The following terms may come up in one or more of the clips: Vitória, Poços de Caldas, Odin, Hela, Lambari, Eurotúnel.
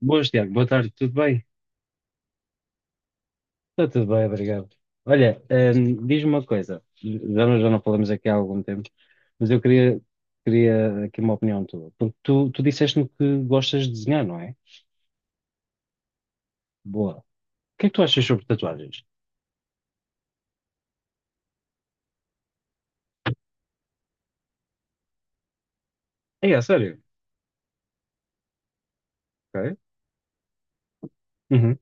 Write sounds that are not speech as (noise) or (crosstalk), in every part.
Boas, Tiago. Boa tarde. Tudo bem? Está tudo bem, obrigado. Olha, diz-me uma coisa. Já não falamos aqui há algum tempo, mas queria aqui uma opinião tua. Porque tu disseste-me que gostas de desenhar, não é? Boa. O que é que tu achas sobre tatuagens? É, é sério? Ok. Uhum,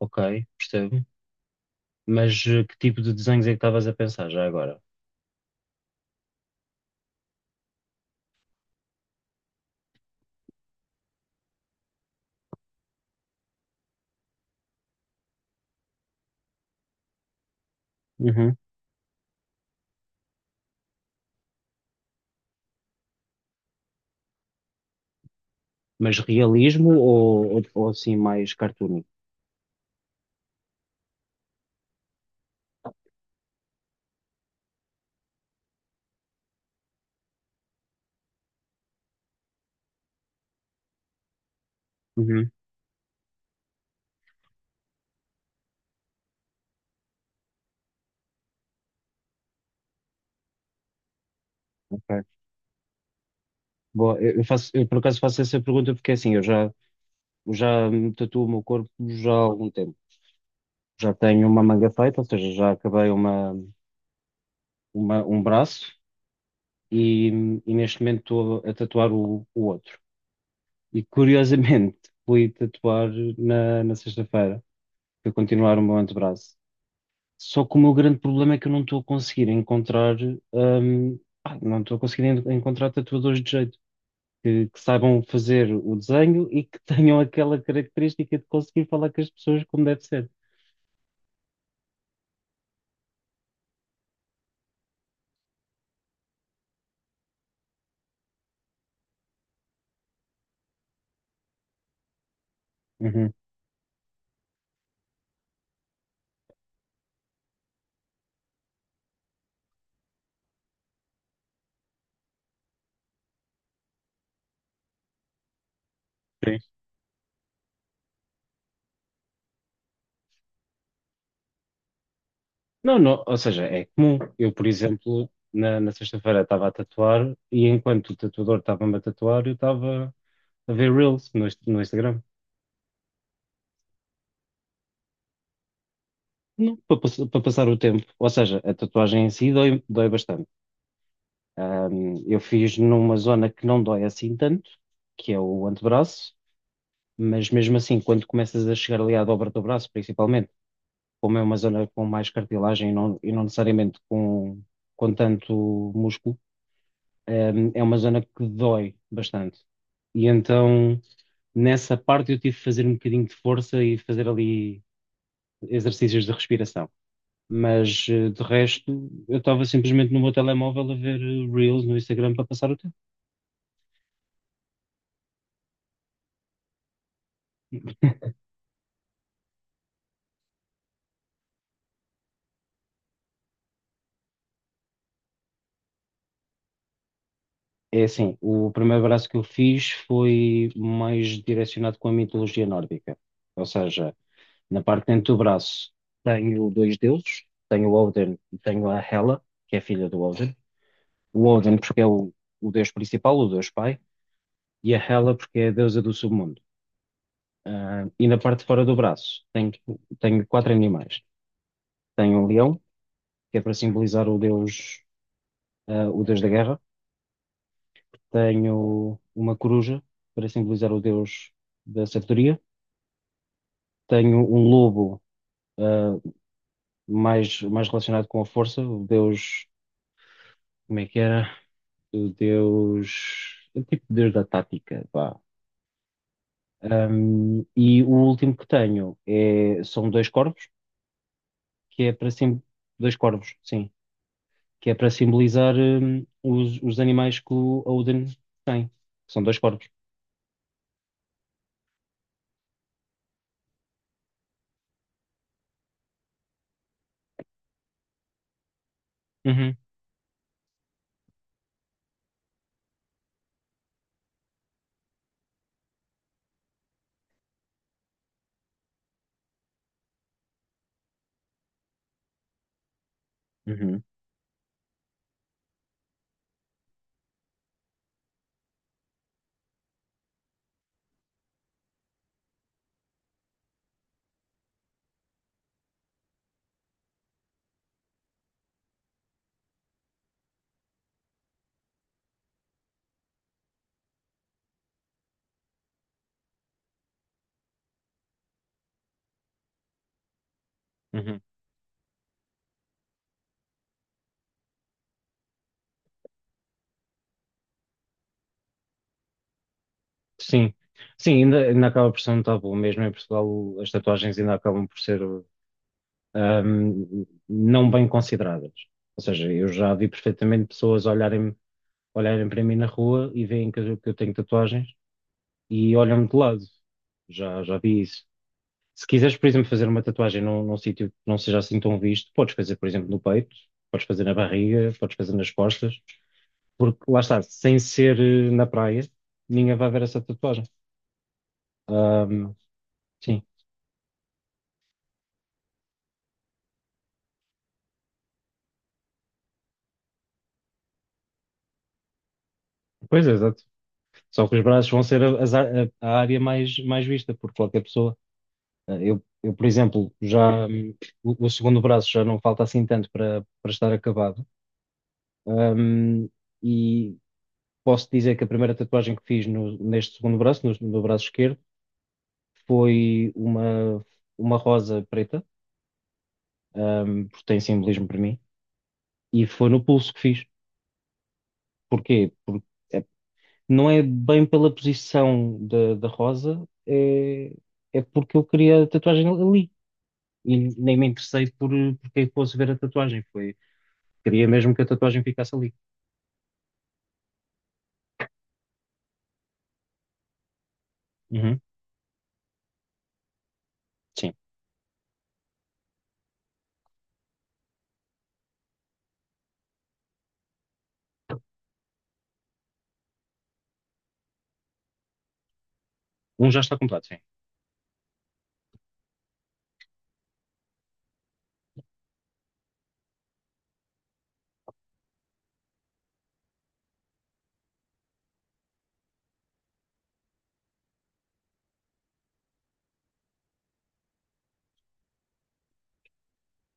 ok, percebo. Mas que tipo de desenhos é que estavas a pensar já agora? Uhum. Mas realismo ou assim mais cartoon? Uhum. Ok. Boa. Eu por acaso faço essa pergunta porque assim, eu já me tatuo o meu corpo já há algum tempo. Já tenho uma manga feita, ou seja, já acabei um braço e, e neste momento estou a tatuar o outro. E curiosamente (laughs) fui tatuar na sexta-feira para continuar o meu antebraço. Só que o meu grande problema é que eu não estou a conseguir encontrar, não estou a conseguir encontrar tatuadores de jeito. Que saibam fazer o desenho e que (laughs) tenham aquela característica de conseguir falar com as pessoas como deve ser. Uhum. Não, não, ou seja, é comum. Eu, por exemplo, na sexta-feira estava a tatuar e enquanto o tatuador estava-me a tatuar, eu estava a ver Reels no no Instagram. Não, para passar o tempo. Ou seja, a tatuagem em si dói, dói bastante. Eu fiz numa zona que não dói assim tanto, que é o antebraço, mas mesmo assim, quando começas a chegar ali à dobra do braço, principalmente, como é uma zona com mais cartilagem e não necessariamente com tanto músculo, é uma zona que dói bastante. E então, nessa parte, eu tive que fazer um bocadinho de força e fazer ali exercícios de respiração. Mas, de resto, eu estava simplesmente no meu telemóvel a ver Reels no Instagram para passar o tempo. É assim, o primeiro braço que eu fiz foi mais direcionado com a mitologia nórdica. Ou seja, na parte de dentro do braço tenho dois deuses, tenho o Odin e tenho a Hela, que é filha do Odin. O Odin porque o deus principal, o deus pai, e a Hela porque é a deusa do submundo. Ah, e na parte de fora do braço tenho quatro animais. Tenho um leão, que é para simbolizar o deus, o deus da guerra. Tenho uma coruja, para simbolizar o deus da sabedoria. Tenho um lobo, ah, mais relacionado com a força, o deus, como é que era? O deus, o tipo de deus da tática, pá. Um, e o último que tenho é, são dois corvos, que é para sim, dois corvos, sim, que é para simbolizar um, os animais que o Odin tem, que são dois corvos. Uhum, uhum, uhum. Sim, sim, ainda, ainda acaba por ser um tabu, mesmo em Portugal as tatuagens ainda acabam por ser um, não bem consideradas. Ou seja, eu já vi perfeitamente pessoas olharem para mim na rua e veem que eu tenho tatuagens e olham-me de lado. Já vi isso. Se quiseres, por exemplo, fazer uma tatuagem num sítio que não seja assim tão visto, podes fazer, por exemplo, no peito, podes fazer na barriga, podes fazer nas costas, porque lá está, sem ser na praia, ninguém vai ver essa tatuagem. Ahm, sim, pois é, exato. Só que os braços vão ser a, as ar- a área mais, mais vista por qualquer pessoa. Ah, por exemplo, já o segundo braço já não falta assim tanto para estar acabado. Ahm, e posso dizer que a primeira tatuagem que fiz neste segundo braço, no braço esquerdo, foi uma rosa preta, porque tem simbolismo para mim, e foi no pulso que fiz. Porquê? Porque é, não é bem pela posição da rosa, é, é porque eu queria a tatuagem ali. E nem me interessei por porque é que fosse ver a tatuagem. Foi, queria mesmo que a tatuagem ficasse ali. Uhum, sim. Um já está completo, sim.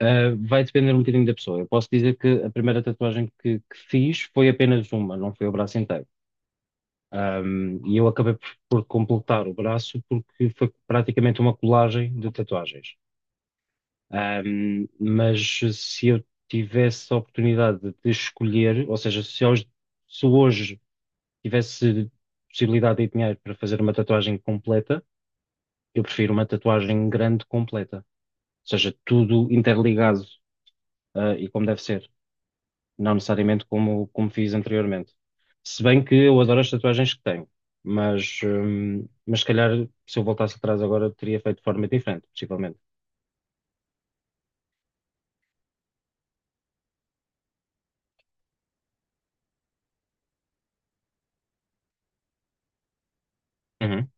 Vai depender um bocadinho da pessoa. Eu posso dizer que a primeira tatuagem que fiz foi apenas uma, não foi o braço inteiro. Um, e eu acabei por completar o braço porque foi praticamente uma colagem de tatuagens. Um, mas se eu tivesse a oportunidade de escolher, ou seja, se hoje tivesse possibilidade e dinheiro para fazer uma tatuagem completa, eu prefiro uma tatuagem grande completa, ou seja, tudo interligado, ah, e como deve ser. Não necessariamente como fiz anteriormente. Se bem que eu adoro as tatuagens que tenho, mas, mas se calhar se eu voltasse atrás agora teria feito de forma diferente, possivelmente. Uhum.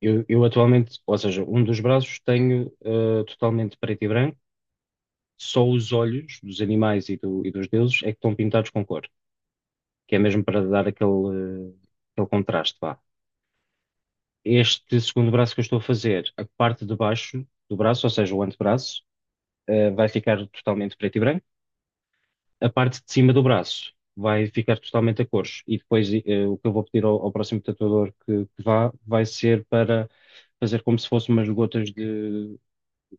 Eu atualmente, ou seja, um dos braços tenho totalmente preto e branco, só os olhos dos animais e dos deuses é que estão pintados com cor, que é mesmo para dar aquele, aquele contraste, vá. Este segundo braço que eu estou a fazer, a parte de baixo do braço, ou seja, o antebraço, vai ficar totalmente preto e branco. A parte de cima do braço vai ficar totalmente a cores. E depois eh, o que eu vou pedir ao próximo tatuador que vá vai ser para fazer como se fossem umas gotas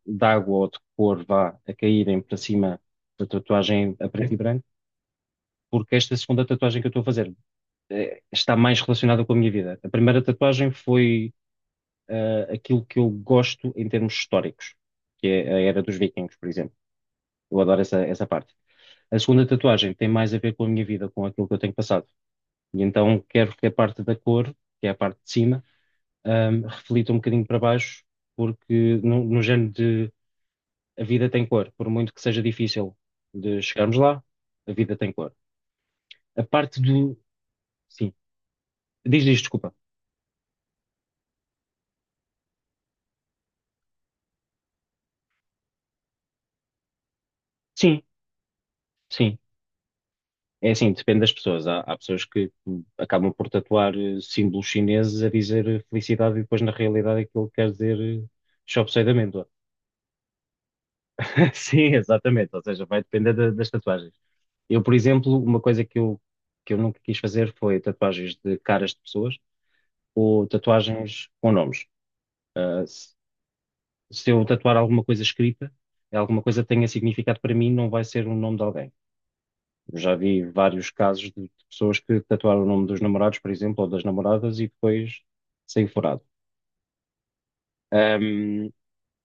de água ou de cor vá a caírem para cima da tatuagem a preto e branco, porque esta segunda tatuagem que eu estou a fazer está mais relacionada com a minha vida. A primeira tatuagem foi aquilo que eu gosto em termos históricos, que é a era dos vikings, por exemplo. Eu adoro essa parte. A segunda tatuagem tem mais a ver com a minha vida, com aquilo que eu tenho passado. E então quero que a parte da cor, que é a parte de cima, reflita um bocadinho para baixo, porque no género de a vida tem cor, por muito que seja difícil de chegarmos lá, a vida tem cor. A parte do. Sim, diz, diz, desculpa. Sim, sim. É assim, depende das pessoas. Há pessoas que acabam por tatuar símbolos chineses a dizer eh, felicidade e depois na realidade aquilo quer dizer eh, chop suey de amêndoa. (laughs) Sim, exatamente. Ou seja, vai depender das tatuagens. Eu, por exemplo, uma coisa que eu nunca quis fazer foi tatuagens de caras de pessoas ou tatuagens com nomes. Ah, se eu tatuar alguma coisa escrita, é alguma coisa que tenha significado para mim, não vai ser o nome de alguém. Eu já vi vários casos de pessoas que tatuaram o nome dos namorados, por exemplo, ou das namoradas e depois saiu furado. Ahm,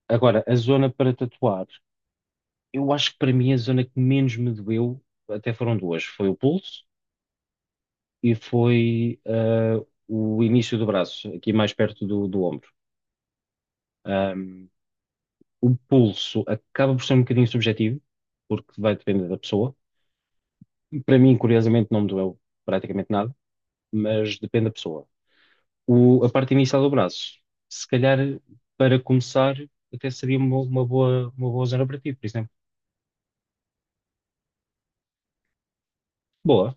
agora, a zona para tatuar, eu acho que para mim a zona que menos me doeu até foram duas. Foi o pulso e foi ah, o início do braço, aqui mais perto do ombro. Ahm, o pulso acaba por ser um bocadinho subjetivo, porque vai depender da pessoa. Para mim, curiosamente, não me doeu praticamente nada, mas depende da pessoa. A parte inicial do braço, se calhar para começar, até seria uma boa zona para ti, por exemplo. Boa,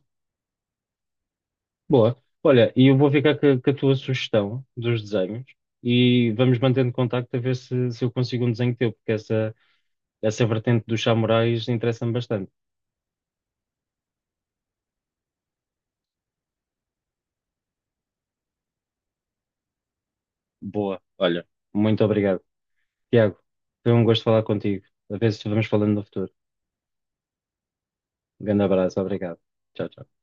boa. Olha, e eu vou ficar com a tua sugestão dos desenhos e vamos mantendo contacto a ver se eu consigo um desenho teu, porque essa vertente dos samurais interessa-me bastante. Boa, olha, muito obrigado. Tiago, foi um gosto falar contigo. A ver se vamos falando no futuro. Um grande abraço, obrigado. Tchau, tchau.